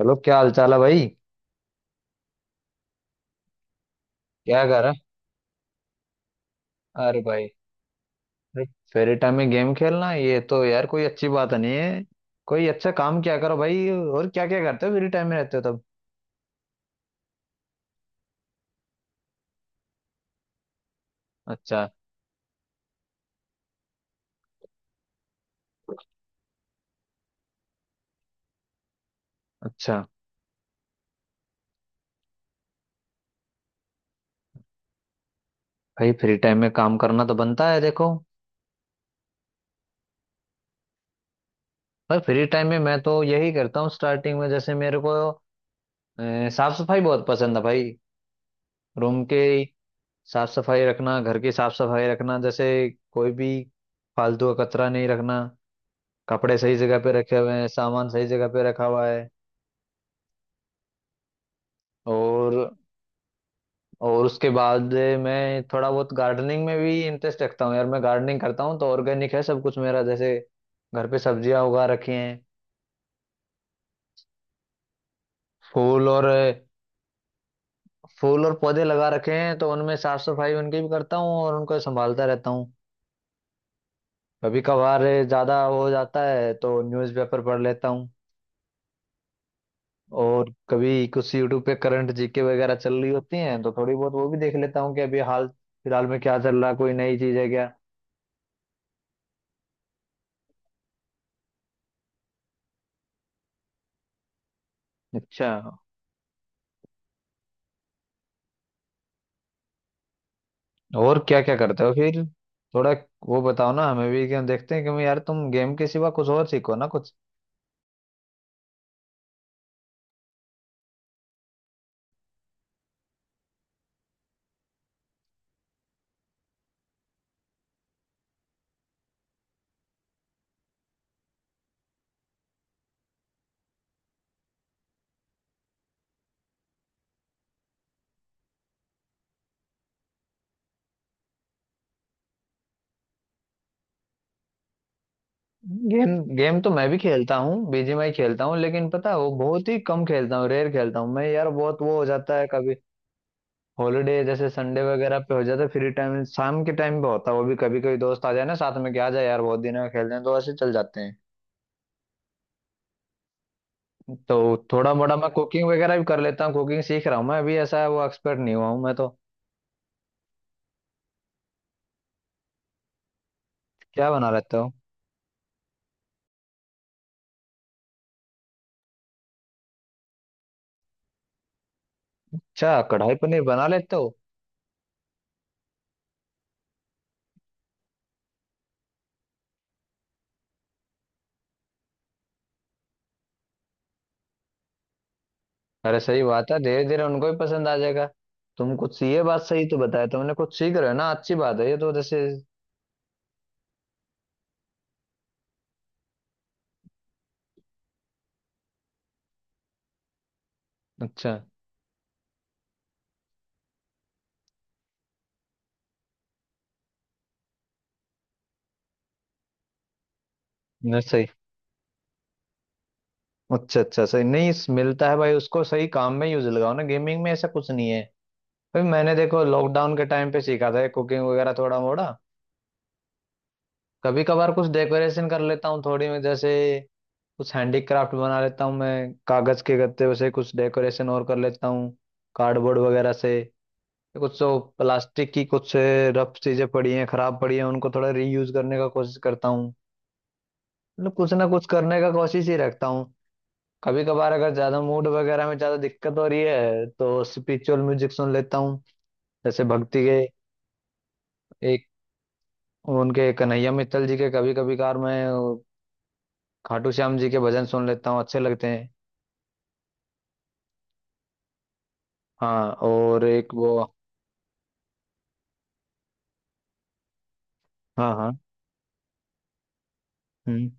Hello क्या हाल चाल है भाई। क्या कर रहा है? अरे भाई अरे फ्री टाइम में गेम खेलना ये तो यार कोई अच्छी बात नहीं है। कोई अच्छा काम क्या करो भाई और क्या क्या करते हो फ्री टाइम में रहते हो तब। अच्छा अच्छा भाई फ्री टाइम में काम करना तो बनता है देखो। भाई फ्री टाइम में मैं तो यही करता हूँ स्टार्टिंग में जैसे मेरे को साफ सफाई बहुत पसंद है भाई। रूम के साफ सफाई रखना, घर की साफ सफाई रखना, जैसे कोई भी फालतू का कचरा नहीं रखना, कपड़े सही जगह पे रखे हुए हैं, सामान सही जगह पे रखा हुआ है। और और उसके बाद मैं थोड़ा बहुत गार्डनिंग में भी इंटरेस्ट रखता हूँ यार। मैं गार्डनिंग करता हूँ तो ऑर्गेनिक है सब कुछ मेरा। जैसे घर पे सब्जियां उगा रखी हैं, फूल और फूल और पौधे लगा रखे हैं, तो उनमें साफ सफाई उनकी भी करता हूँ और उनको संभालता रहता हूँ। कभी कभार ज्यादा हो जाता है तो न्यूज़पेपर पढ़ लेता हूँ। और कभी कुछ यूट्यूब पे करंट जीके वगैरह चल रही होती हैं तो थोड़ी बहुत वो भी देख लेता हूँ कि अभी हाल फिलहाल में क्या चल रहा है, कोई नई चीज है क्या। अच्छा और क्या क्या करते हो फिर। थोड़ा वो बताओ ना हमें भी क्या देखते हैं, क्योंकि यार तुम गेम के सिवा कुछ और सीखो ना कुछ। गेम गेम तो मैं भी खेलता हूँ, बीजीएमआई खेलता हूँ, लेकिन पता है वो बहुत ही कम खेलता हूँ, रेयर खेलता हूँ मैं यार। बहुत वो हो जाता है कभी हॉलीडे जैसे संडे वगैरह पे हो जाता है फ्री टाइम। शाम के टाइम पे होता है वो भी, कभी कभी दोस्त आ जाए ना साथ में कि आ जाए यार बहुत दिन में खेलते हैं, तो ऐसे चल जाते हैं। तो थोड़ा मोड़ा मैं कुकिंग वगैरह भी कर लेता हूँ, कुकिंग सीख रहा हूँ मैं अभी। ऐसा है वो एक्सपर्ट नहीं हुआ हूँ मैं तो। क्या बना लेता हूँ। अच्छा, कढ़ाई पनीर बना लेते हो। अरे सही बात है, धीरे धीरे उनको भी पसंद आ जाएगा। तुम कुछ ये बात सही तो बताया तुमने, कुछ सीख रहे हो ना, अच्छी बात है ये तो जैसे। अच्छा। नहीं सही। अच्छा अच्छा। सही नहीं मिलता है भाई, उसको सही काम में यूज लगाओ ना, गेमिंग में ऐसा कुछ नहीं है भाई। मैंने देखो लॉकडाउन के टाइम पे सीखा था कुकिंग वगैरह थोड़ा मोड़ा। कभी कभार कुछ डेकोरेशन कर लेता हूँ थोड़ी में, जैसे कुछ हैंडीक्राफ्ट बना लेता हूँ मैं। कागज के गत्ते से कुछ डेकोरेशन और कर लेता हूँ, कार्डबोर्ड वगैरह से। कुछ तो प्लास्टिक की कुछ रफ चीजें पड़ी हैं, खराब पड़ी हैं, उनको थोड़ा रीयूज करने का कोशिश करता हूँ। मतलब कुछ ना कुछ करने का कोशिश ही रखता हूँ। कभी कभार अगर ज्यादा मूड वगैरह में ज्यादा दिक्कत हो रही है तो स्पिरिचुअल म्यूजिक सुन लेता हूँ, जैसे भक्ति के। एक उनके कन्हैया मित्तल जी के कभी कभी कार मैं वो खाटू श्याम जी के भजन सुन लेता हूँ, अच्छे लगते हैं। हाँ और एक वो। हाँ हाँ। हम्म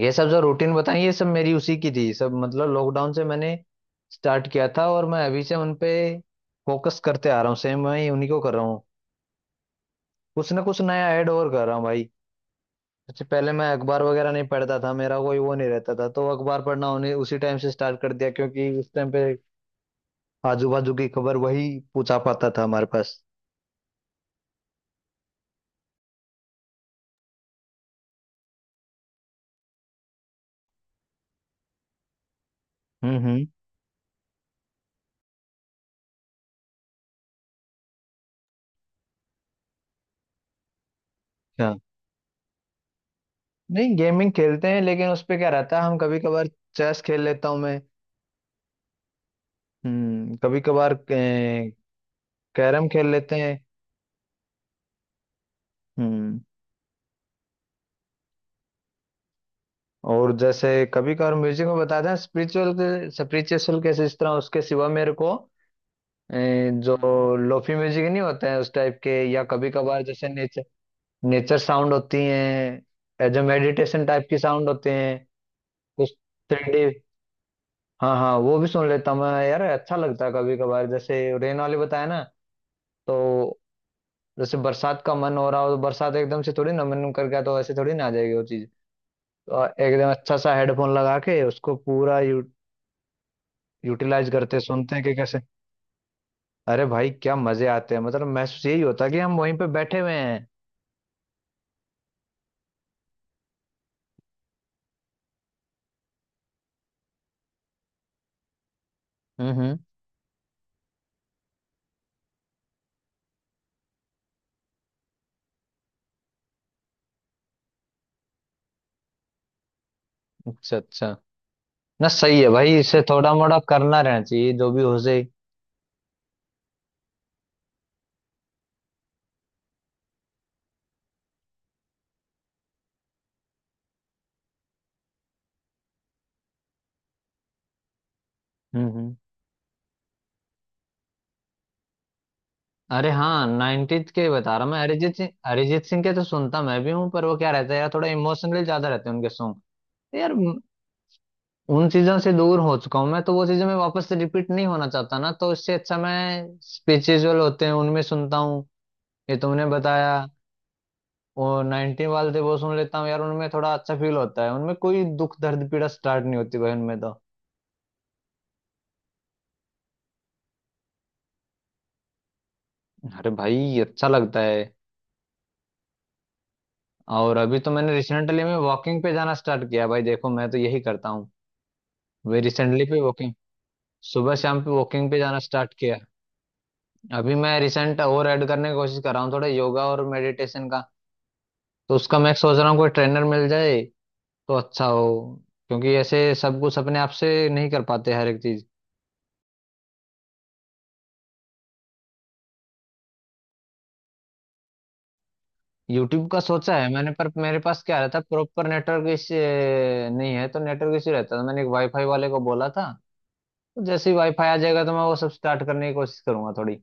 ये सब जो रूटीन बताई ये सब मेरी उसी की थी सब, मतलब लॉकडाउन से मैंने स्टार्ट किया था, और मैं अभी से उन पे फोकस करते आ रहा हूँ, सेम मैं उन्हीं को कर रहा हूँ। कुछ ना कुछ नया ऐड और कर रहा हूँ भाई। सबसे पहले मैं अखबार वगैरह नहीं पढ़ता था, मेरा कोई वो नहीं रहता था, तो अखबार पढ़ना उन्हें उसी टाइम से स्टार्ट कर दिया क्योंकि उस टाइम पे आजू बाजू की खबर वही पूछा पाता था हमारे पास। हम्म। अच्छा। नहीं गेमिंग खेलते हैं लेकिन उस पे क्या रहता है हम कभी कभार चेस खेल लेता हूँ मैं। कभी कभार कैरम खेल लेते हैं। हम्म और जैसे कभी कभार म्यूजिक में बताते हैं स्पिरिचुअल, स्पिरिचुअल कैसे इस तरह उसके सिवा मेरे को अ, जो लोफी म्यूजिक नहीं होते हैं उस टाइप के, या कभी कभार जैसे नेचर, नेचर साउंड होती हैं जो मेडिटेशन टाइप की साउंड होते हैं, कुछ थ्री डी। हाँ हाँ, वो भी सुन लेता हूँ मैं यार, अच्छा लगता है। कभी कभार जैसे रेन वाले बताया ना, तो जैसे बरसात का मन हो रहा हो तो बरसात एकदम से थोड़ी ना मन कर गया तो ऐसे थोड़ी ना आ जाएगी वो चीज। और एकदम अच्छा सा हेडफोन लगा के उसको पूरा यू यूटिलाइज करते हैं, सुनते हैं कि कैसे। अरे भाई क्या मजे आते हैं, मतलब महसूस यही होता है कि हम वहीं पे बैठे हुए हैं। हम्म। अच्छा अच्छा। ना सही है भाई, इसे थोड़ा मोड़ा करना रहना चाहिए जो भी हो सही। हम्म। अरे हाँ नाइनटीज के बता रहा हूँ मैं। अरिजीत सिंह, अरिजीत सिंह के तो सुनता मैं भी हूँ पर वो क्या रहता है यार थोड़ा इमोशनली ज्यादा रहते हैं उनके सॉन्ग। तो यार उन चीजों से दूर हो चुका हूँ मैं, तो वो चीजें मैं वापस से रिपीट नहीं होना चाहता ना, तो इससे अच्छा मैं स्पिरिचुअल होते हैं उनमें सुनता हूँ, ये तुमने बताया। और 90 वाले थे वो सुन लेता हूँ यार, उनमें थोड़ा अच्छा फील होता है, उनमें कोई दुख दर्द पीड़ा स्टार्ट नहीं होती भाई उनमें तो। अरे भाई अच्छा लगता है। और अभी तो मैंने रिसेंटली में वॉकिंग पे जाना स्टार्ट किया भाई, देखो मैं तो यही करता हूँ। वे रिसेंटली पे वॉकिंग, सुबह शाम पे वॉकिंग पे जाना स्टार्ट किया। अभी मैं रिसेंट और ऐड करने की कोशिश कर रहा हूँ थोड़ा योगा और मेडिटेशन का, तो उसका मैं सोच रहा हूँ कोई ट्रेनर मिल जाए तो अच्छा हो, क्योंकि ऐसे सब कुछ अपने आप से नहीं कर पाते हर एक चीज। यूट्यूब का सोचा है मैंने पर मेरे पास क्या रहता प्रॉपर नेटवर्क इश्यू नहीं है, तो नेटवर्क इश्यू रहता है, तो मैंने एक वाईफाई वाले को बोला था, तो जैसे ही वाईफाई आ जाएगा तो मैं वो सब स्टार्ट करने की कोशिश करूंगा थोड़ी।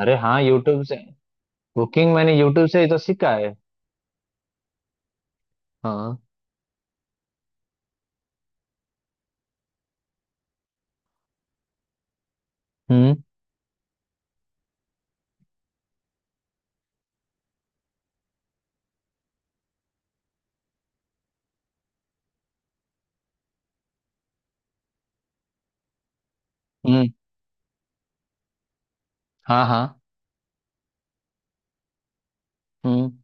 अरे हाँ यूट्यूब से कुकिंग मैंने यूट्यूब से ही तो सीखा है। हाँ। हम्म हम्म। हाँ हाँ। हम्म।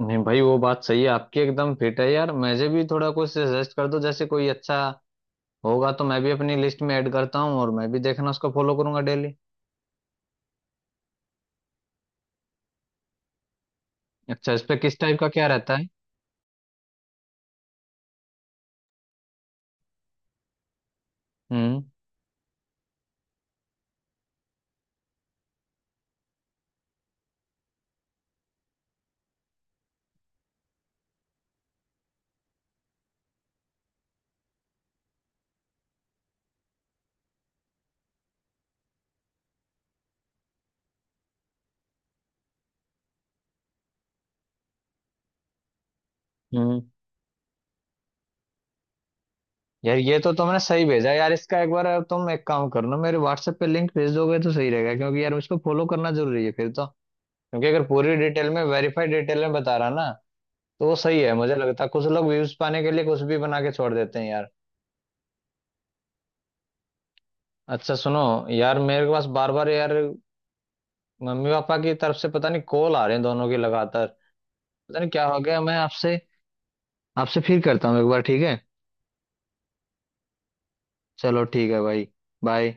नहीं भाई वो बात सही है आपकी, एकदम फिट है यार। मुझे भी थोड़ा कुछ सजेस्ट कर दो जैसे कोई अच्छा होगा, तो मैं भी अपनी लिस्ट में ऐड करता हूँ और मैं भी देखना उसको फॉलो करूंगा डेली। अच्छा इस पे किस टाइप का क्या रहता है। हम्म हम्म। यार ये तो तुमने सही भेजा यार, इसका एक बार तुम एक काम करना मेरे WhatsApp पे लिंक भेज दोगे तो सही रहेगा, क्योंकि यार उसको फॉलो करना जरूरी है फिर तो, क्योंकि अगर पूरी डिटेल में वेरीफाइड डिटेल में बता रहा ना तो वो सही है। मुझे लगता है कुछ लोग व्यूज पाने के लिए कुछ भी बना के छोड़ देते हैं यार। अच्छा सुनो यार, मेरे पास बार बार यार मम्मी पापा की तरफ से पता नहीं कॉल आ रहे हैं दोनों की लगातार, पता नहीं क्या हो गया। मैं आपसे आपसे फिर करता हूँ एक बार, ठीक है। चलो ठीक है भाई, बाय।